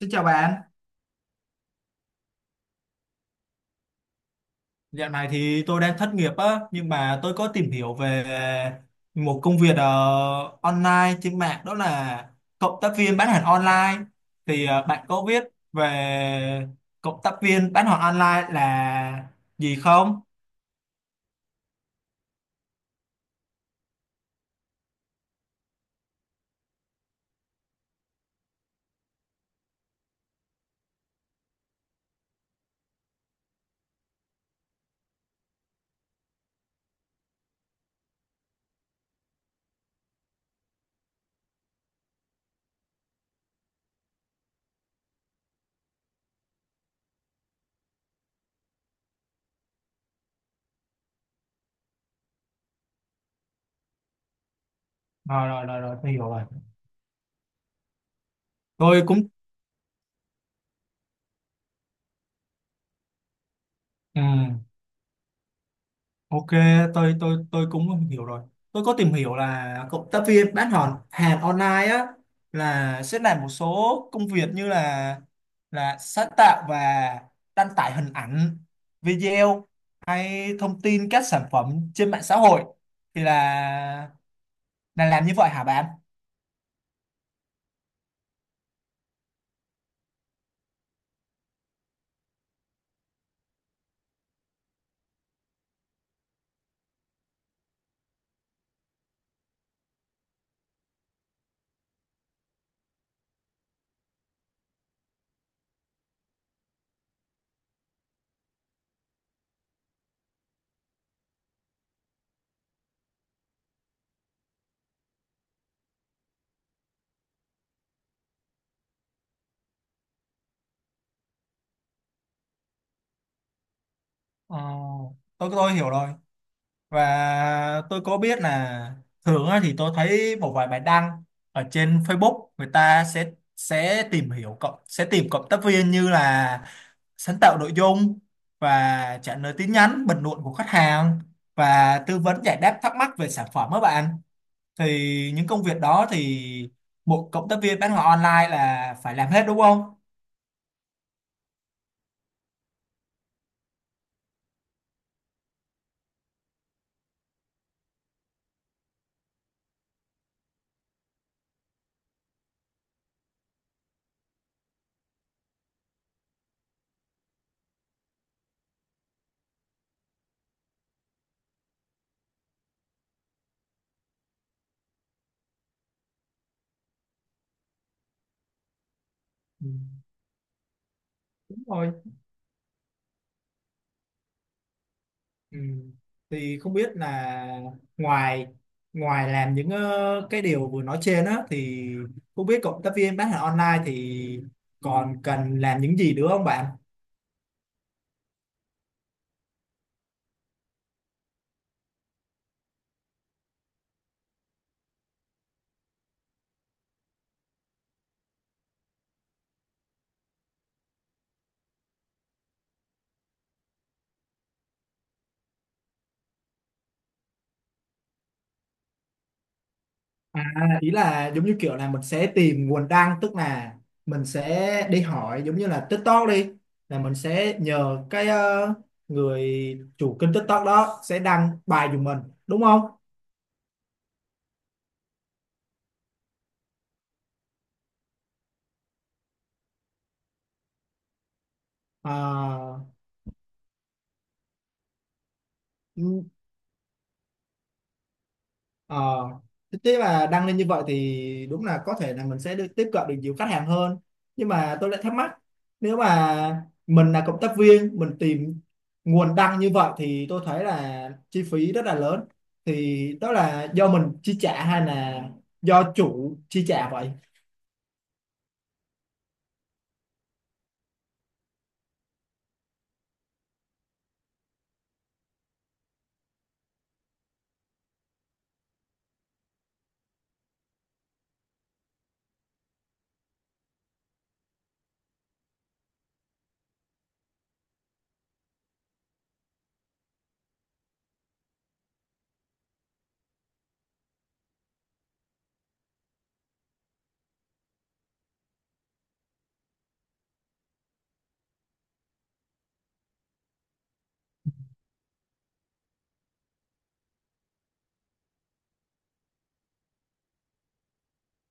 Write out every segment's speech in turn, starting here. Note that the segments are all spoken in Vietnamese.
Xin chào bạn. Dạo này thì tôi đang thất nghiệp á, nhưng mà tôi có tìm hiểu về một công việc online trên mạng, đó là cộng tác viên bán hàng online. Thì bạn có biết về cộng tác viên bán hàng online là gì không? Rồi rồi rồi rồi, tôi hiểu rồi. Tôi cũng ừ. Ok, tôi cũng hiểu rồi. Tôi có tìm hiểu là cộng tác viên bán hàng hàng online á, là sẽ làm một số công việc như là sáng tạo và đăng tải hình ảnh, video hay thông tin các sản phẩm trên mạng xã hội, thì là làm như vậy hả bạn? Ờ, tôi hiểu rồi. Và tôi có biết là thường á, thì tôi thấy một vài bài đăng ở trên Facebook người ta sẽ tìm hiểu cộng sẽ tìm cộng tác viên như là sáng tạo nội dung và trả lời tin nhắn bình luận của khách hàng và tư vấn giải đáp thắc mắc về sản phẩm các bạn, thì những công việc đó thì một cộng tác viên bán hàng online là phải làm hết đúng không? Ừ. Đúng rồi. Ừ. Thì không biết là ngoài ngoài làm những cái điều vừa nói trên á, thì không biết cộng tác viên bán hàng online thì còn cần làm những gì nữa không bạn? À, ý là giống như kiểu là mình sẽ tìm nguồn đăng, tức là mình sẽ đi hỏi giống như là TikTok đi, là mình sẽ nhờ cái người chủ kênh TikTok đó sẽ đăng bài giùm mình đúng không? À, ừ, ờ, thế thế mà đăng lên như vậy thì đúng là có thể là mình sẽ được tiếp cận được nhiều khách hàng hơn, nhưng mà tôi lại thắc mắc, nếu mà mình là cộng tác viên mình tìm nguồn đăng như vậy thì tôi thấy là chi phí rất là lớn, thì đó là do mình chi trả hay là do chủ chi trả vậy?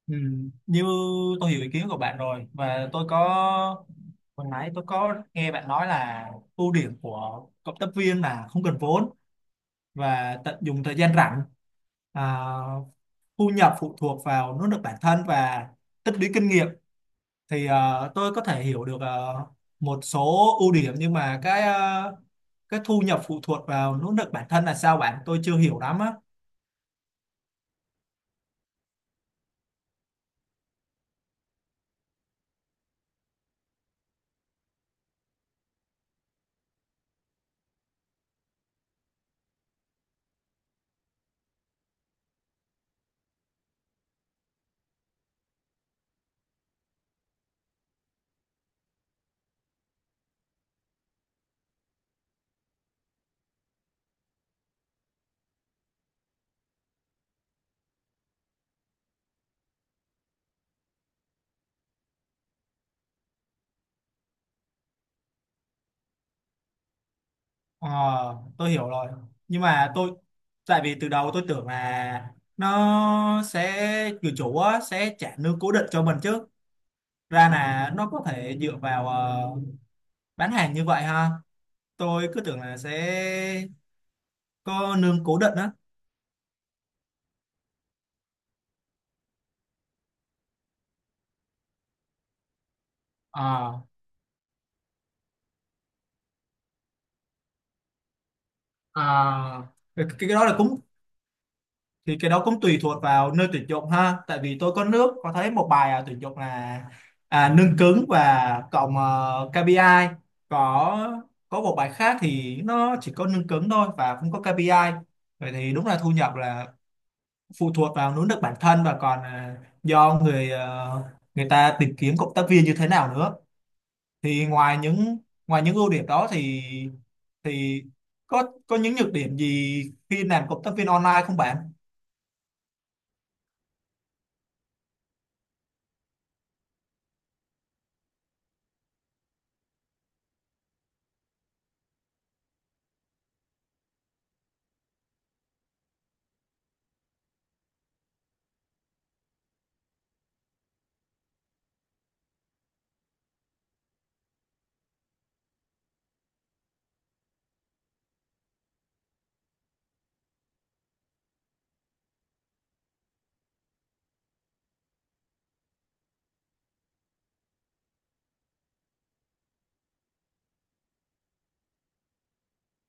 Ừ, như tôi hiểu ý kiến của bạn rồi. Và tôi có hồi nãy tôi có nghe bạn nói là ưu điểm của cộng tác viên là không cần vốn và tận dụng thời gian rảnh, à, thu nhập phụ thuộc vào nỗ lực bản thân và tích lũy kinh nghiệm, thì tôi có thể hiểu được một số ưu điểm, nhưng mà cái cái thu nhập phụ thuộc vào nỗ lực bản thân là sao bạn, tôi chưa hiểu lắm á. Ờ, tôi hiểu rồi, nhưng mà tôi tại vì từ đầu tôi tưởng là nó sẽ người chủ á, sẽ trả lương cố định cho mình chứ, ra là nó có thể dựa vào bán hàng như vậy ha, tôi cứ tưởng là sẽ có nương cố định á. À. À. Cái đó là cũng thì cái đó cũng tùy thuộc vào nơi tuyển dụng ha, tại vì tôi có nước có thấy một bài tuyển dụng là nương cứng và cộng KPI. có có một bài khác thì nó chỉ có nương cứng thôi và không có KPI. Vậy thì đúng là thu nhập là phụ thuộc vào nỗ lực bản thân và còn do người ta tìm kiếm cộng tác viên như thế nào nữa. Thì ngoài những ưu điểm đó thì thì có những nhược điểm gì khi làm cộng tác viên online không bạn?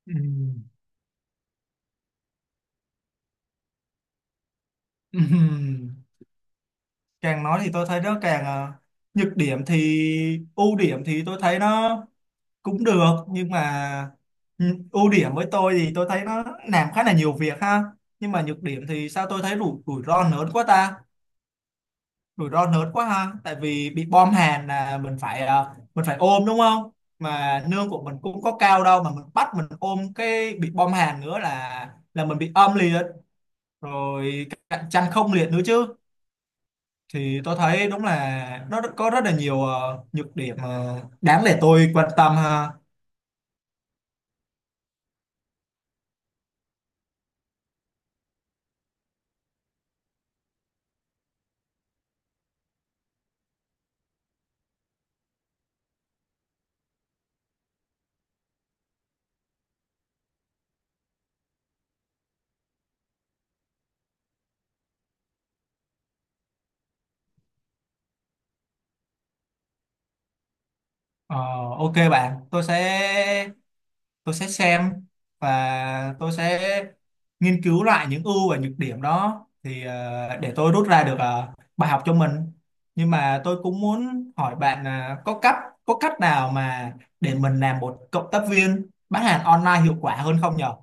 Ừm. Ừm. Càng nói thì tôi thấy nó càng nhược điểm, thì ưu điểm thì tôi thấy nó cũng được, nhưng mà ưu điểm với tôi thì tôi thấy nó làm khá là nhiều việc ha, nhưng mà nhược điểm thì sao tôi thấy rủi rủi ro lớn quá ta. Rủi ro lớn quá ha, tại vì bị bom hàn là mình phải mình phải ôm đúng không, mà nương của mình cũng có cao đâu mà mình bắt mình ôm cái bị bom hàn nữa là mình bị âm liệt, rồi cạnh tranh không liệt nữa chứ, thì tôi thấy đúng là nó có rất là nhiều nhược điểm đáng để tôi quan tâm ha. Ờ, ok bạn, tôi sẽ xem và tôi sẽ nghiên cứu lại những ưu và nhược điểm đó, thì để tôi rút ra được bài học cho mình. Nhưng mà tôi cũng muốn hỏi bạn là có cách nào mà để mình làm một cộng tác viên bán hàng online hiệu quả hơn không nhở?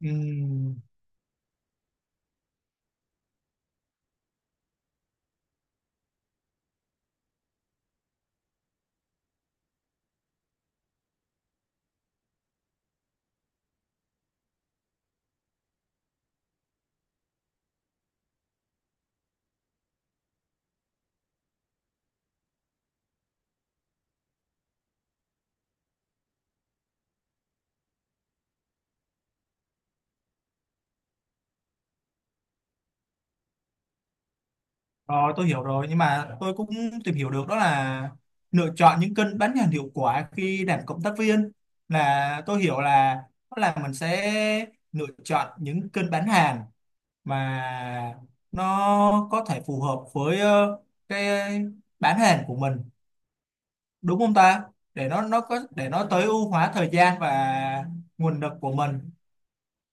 Ừm, rồi tôi hiểu rồi, nhưng mà tôi cũng tìm hiểu được đó là lựa chọn những kênh bán hàng hiệu quả khi làm cộng tác viên, là tôi hiểu là mình sẽ lựa chọn những kênh bán hàng và nó có thể phù hợp với cái bán hàng của mình đúng không ta, để nó có để nó tối ưu hóa thời gian và nguồn lực của mình,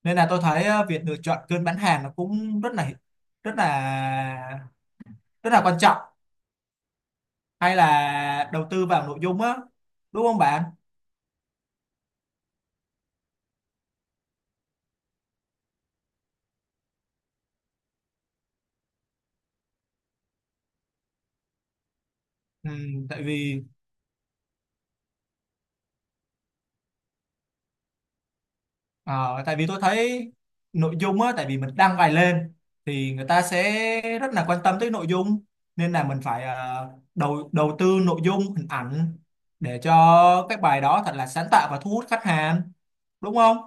nên là tôi thấy việc lựa chọn kênh bán hàng nó cũng rất là rất là quan trọng, hay là đầu tư vào nội dung á, đúng không bạn? Ừ, tại vì ờ, tại vì tôi thấy nội dung á, tại vì mình đăng bài lên thì người ta sẽ rất là quan tâm tới nội dung, nên là mình phải đầu đầu tư nội dung hình ảnh để cho cái bài đó thật là sáng tạo và thu hút khách hàng đúng không?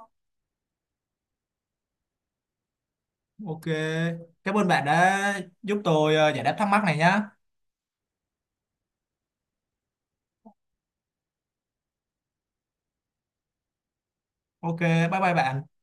Ok, cảm ơn bạn đã giúp tôi giải đáp thắc mắc này nhá. Ok, bye bye bạn.